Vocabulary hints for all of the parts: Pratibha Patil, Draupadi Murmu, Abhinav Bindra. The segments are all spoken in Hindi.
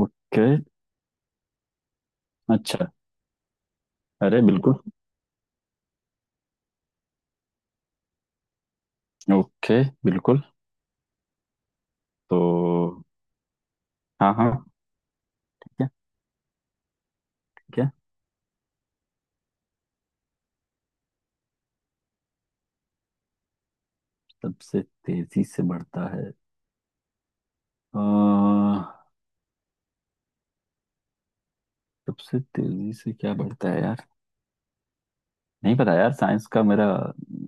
ओके। अच्छा। अरे बिल्कुल। ओके बिल्कुल। तो हाँ हाँ। क्या? क्या? सबसे तेजी से बढ़ता है। अ, सबसे तेजी से क्या बढ़ता है यार। नहीं पता यार, साइंस का मेरा,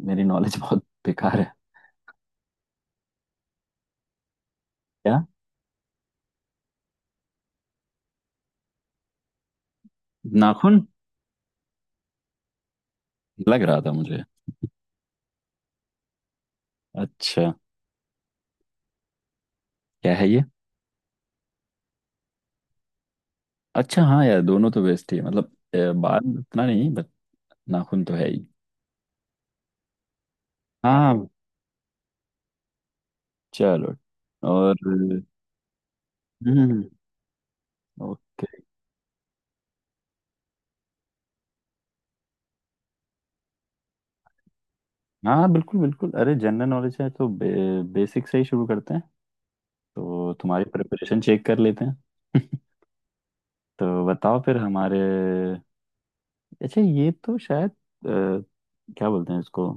मेरी नॉलेज बहुत बेकार है। क्या? नाखून। लग रहा था मुझे। अच्छा, क्या है ये? अच्छा हाँ यार, दोनों तो बेस्ट ही है मतलब। बाल उतना नहीं, बट नाखून तो है ही। हाँ। चलो। और। हम्म। ओके। हाँ बिल्कुल बिल्कुल, अरे जनरल नॉलेज है तो बेसिक से ही शुरू करते हैं। तो तुम्हारी प्रिपरेशन चेक कर लेते हैं। तो बताओ फिर हमारे। अच्छा, ये तो शायद क्या बोलते हैं इसको,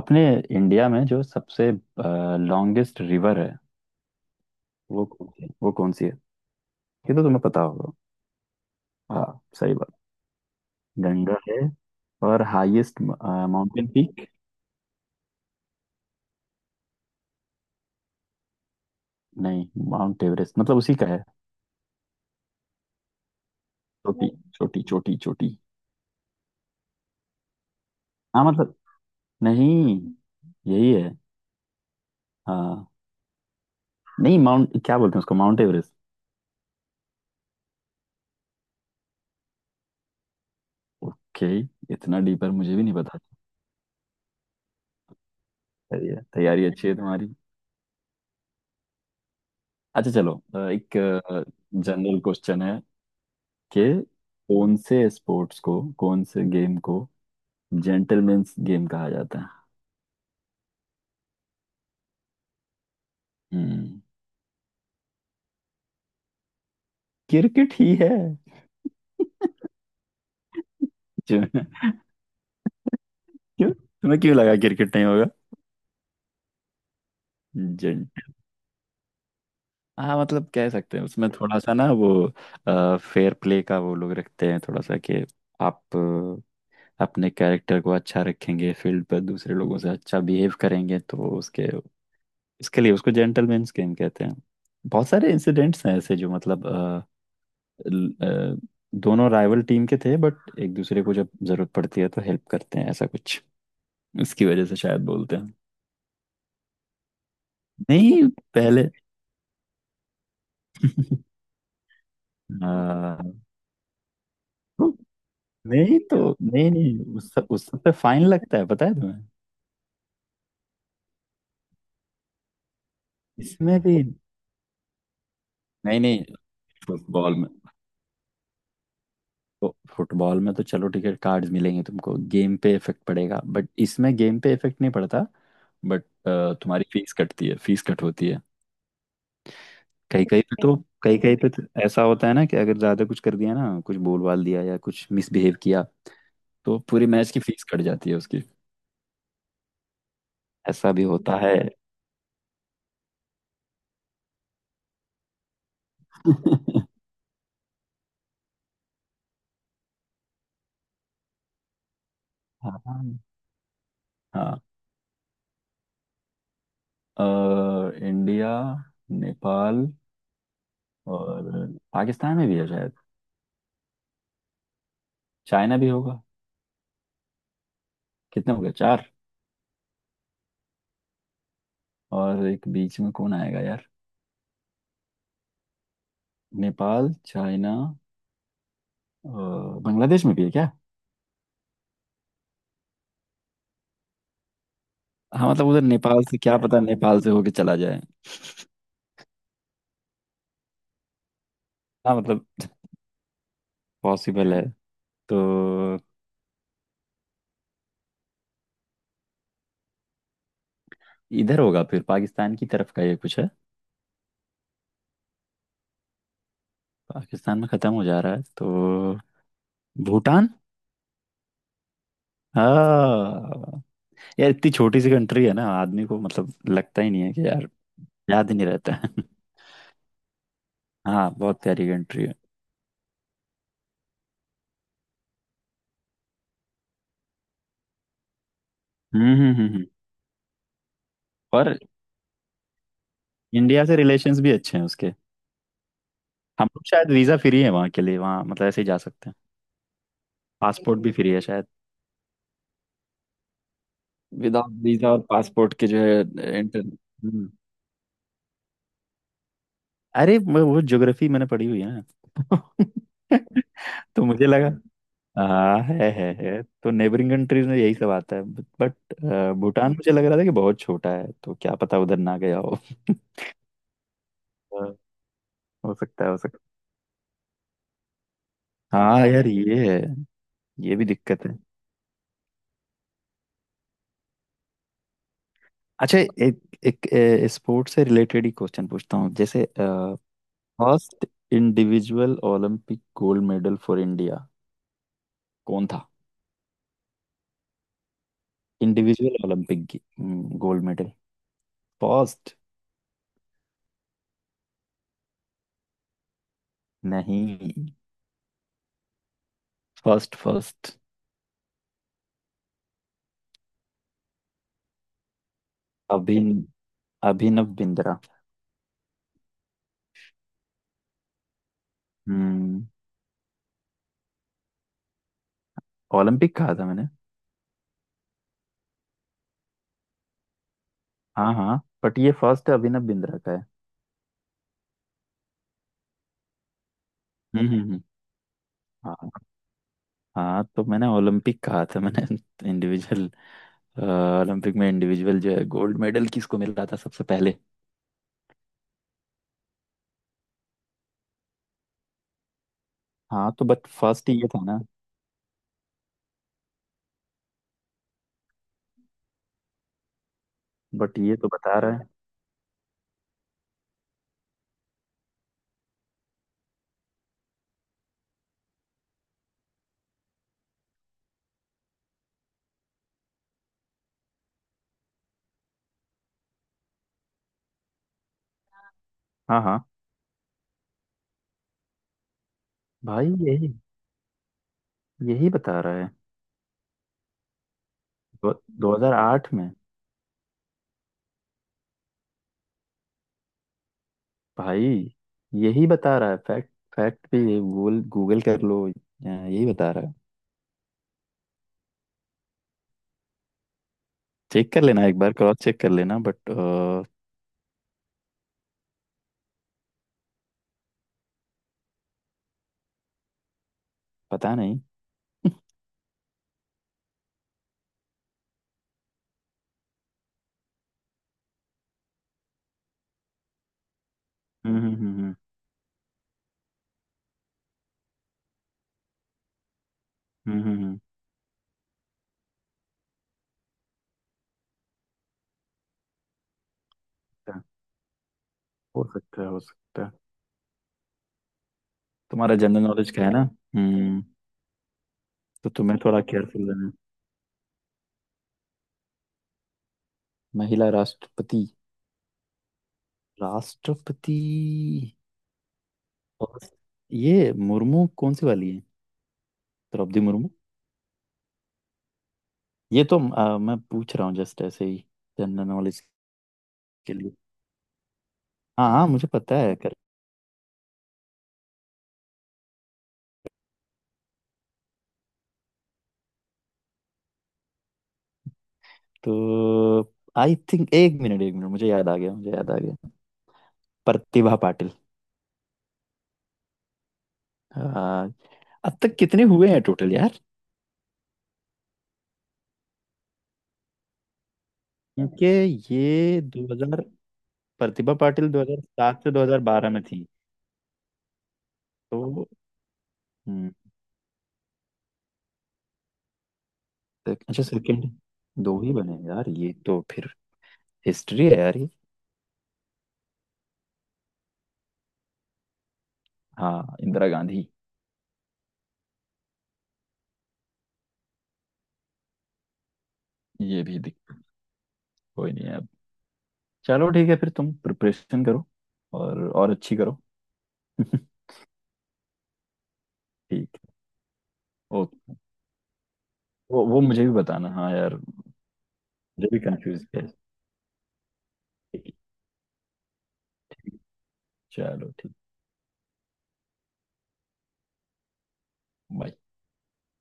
अपने इंडिया में जो सबसे लॉन्गेस्ट रिवर है, वो कौन सी है? वो कौन सी है? ये तो तुम्हें पता होगा। हाँ सही बात। गंगा है। और हाईएस्ट माउंटेन पीक? नहीं, माउंट एवरेस्ट मतलब उसी का है। छोटी छोटी छोटी। हाँ मतलब। नहीं। यही है। हाँ। नहीं माउंट क्या बोलते हैं उसको, माउंट एवरेस्ट। ओके। इतना डीपर मुझे भी नहीं पता था। सही है, तैयारी अच्छी है तुम्हारी। अच्छा चलो, एक जनरल क्वेश्चन है कि कौन से स्पोर्ट्स को, कौन से गेम को जेंटलमैन्स गेम कहा जाता है? हम्म। क्रिकेट ही है। क्यों? क्यों तुम्हें क्यों लगा क्रिकेट नहीं होगा? जेंट हाँ मतलब कह सकते हैं, उसमें थोड़ा सा ना वो फेयर प्ले का वो लोग रखते हैं थोड़ा सा कि आप अपने कैरेक्टर को अच्छा रखेंगे, फील्ड पर दूसरे लोगों से अच्छा बिहेव करेंगे, तो उसके, इसके लिए उसको जेंटलमैन गेम कहते हैं। बहुत सारे इंसिडेंट्स हैं ऐसे जो मतलब ल- अ, दोनों राइवल टीम के थे, बट एक दूसरे को जब जरूरत पड़ती है तो हेल्प करते हैं, ऐसा कुछ इसकी वजह से शायद बोलते हैं। नहीं। पहले। हाँ। नहीं तो, नहीं नहीं, उस सब पे फाइन लगता है, पता है तुम्हें? इसमें भी नहीं नहीं। फुटबॉल में तो, फुटबॉल में तो चलो ठीक है, कार्ड्स मिलेंगे तुमको, गेम पे इफेक्ट पड़ेगा, बट इसमें गेम पे इफेक्ट नहीं पड़ता। बट तुम्हारी फीस कटती है, फीस कट होती है। कहीं कहीं पे तो, कहीं कहीं पे तो ऐसा होता है ना कि अगर ज्यादा कुछ कर दिया ना, कुछ बोल बाल दिया या कुछ मिसबिहेव किया तो पूरी मैच की फीस कट जाती है उसकी। ऐसा भी होता है। हाँ हाँ। अ, इंडिया, नेपाल और पाकिस्तान में भी है शायद। चाइना भी होगा। कितने हो गए, चार? और एक बीच में कौन आएगा यार? नेपाल, चाइना, अ, बांग्लादेश में भी है क्या? हाँ मतलब, उधर नेपाल से, क्या पता नेपाल से होके चला जाए। हाँ मतलब पॉसिबल है तो। इधर होगा फिर पाकिस्तान की तरफ का, ये कुछ है। पाकिस्तान में खत्म हो जा रहा है तो भूटान। हाँ यार, इतनी छोटी सी कंट्री है ना, आदमी को मतलब लगता ही नहीं है कि यार याद ही नहीं रहता है। हाँ बहुत प्यारी कंट्री है। हम्म हम्म हम्म हम्म। और इंडिया से रिलेशंस भी अच्छे हैं उसके। हम लोग शायद वीज़ा फ्री है वहाँ के लिए, वहाँ मतलब ऐसे ही जा सकते हैं। पासपोर्ट भी फ्री है शायद। विदाउट वीजा और पासपोर्ट के जो है। इंटर। हम्म। अरे वो ज्योग्राफी मैंने पढ़ी हुई है ना, तो मुझे लगा। हाँ है, तो नेबरिंग कंट्रीज में यही सब आता है बट भूटान मुझे लग रहा था कि बहुत छोटा है, तो क्या पता उधर ना गया हो। हाँ। हो सकता है, हो सकता है। हाँ यार ये है। ये भी दिक्कत है। अच्छा, एक एक स्पोर्ट्स से रिलेटेड ही क्वेश्चन पूछता हूँ। जैसे first individual Olympic gold medal for India कौन था? इंडिविजुअल ओलंपिक की गोल्ड मेडल फर्स्ट। नहीं, फर्स्ट फर्स्ट। अभिन अभिनव बिंद्रा। हम्म। ओलंपिक कहा था मैंने। हाँ हाँ, बट ये फर्स्ट अभिनव बिंद्रा का है। हम्म। हाँ। हाँ तो मैंने ओलंपिक कहा था मैंने, इंडिविजुअल ओलंपिक में इंडिविजुअल जो है गोल्ड मेडल किसको मिल रहा था सबसे पहले। हाँ तो बट फर्स्ट ये था ना। बट ये तो बता रहा है। हाँ हाँ। भाई यही, यही बता रहा है। दो, 2008 में। भाई यही बता रहा है फैक्ट, फैक्ट भी ये। गूगल गूगल कर लो, यहाँ यही बता रहा है। चेक कर लेना, एक बार क्रॉस चेक कर लेना, बट पता नहीं। हम्म हम्म हम्म हम्म हम्म, हम्म, हम्म, हो सकता है, हो सकता है। तुम्हारा जनरल नॉलेज का है ना। हम्म। तो तुम्हें थोड़ा केयरफुल रहना है। महिला राष्ट्रपति। राष्ट्रपति। और ये मुर्मू कौन सी वाली है? द्रौपदी मुर्मू। ये तो मैं पूछ रहा हूँ जस्ट ऐसे ही, जनरल नॉलेज के लिए। हाँ हाँ मुझे पता है। तो आई थिंक, एक मिनट एक मिनट, मुझे याद आ गया, मुझे याद आ गया। प्रतिभा पाटिल। हाँ, अब तक कितने हुए हैं टोटल यार? क्योंकि ये 2000, प्रतिभा पाटिल 2007 से 2012 में थी तो। हम्म, अच्छा, सेकंड। दो ही बने यार, ये तो फिर हिस्ट्री है यार ये। हाँ, इंदिरा गांधी। ये भी दिख, कोई नहीं है अब। चलो ठीक है फिर, तुम प्रिपरेशन करो और अच्छी करो। ठीक है, ओके। वो मुझे भी बताना हाँ यार, मुझे भी कंफ्यूज है। चलो ठीक। बाय।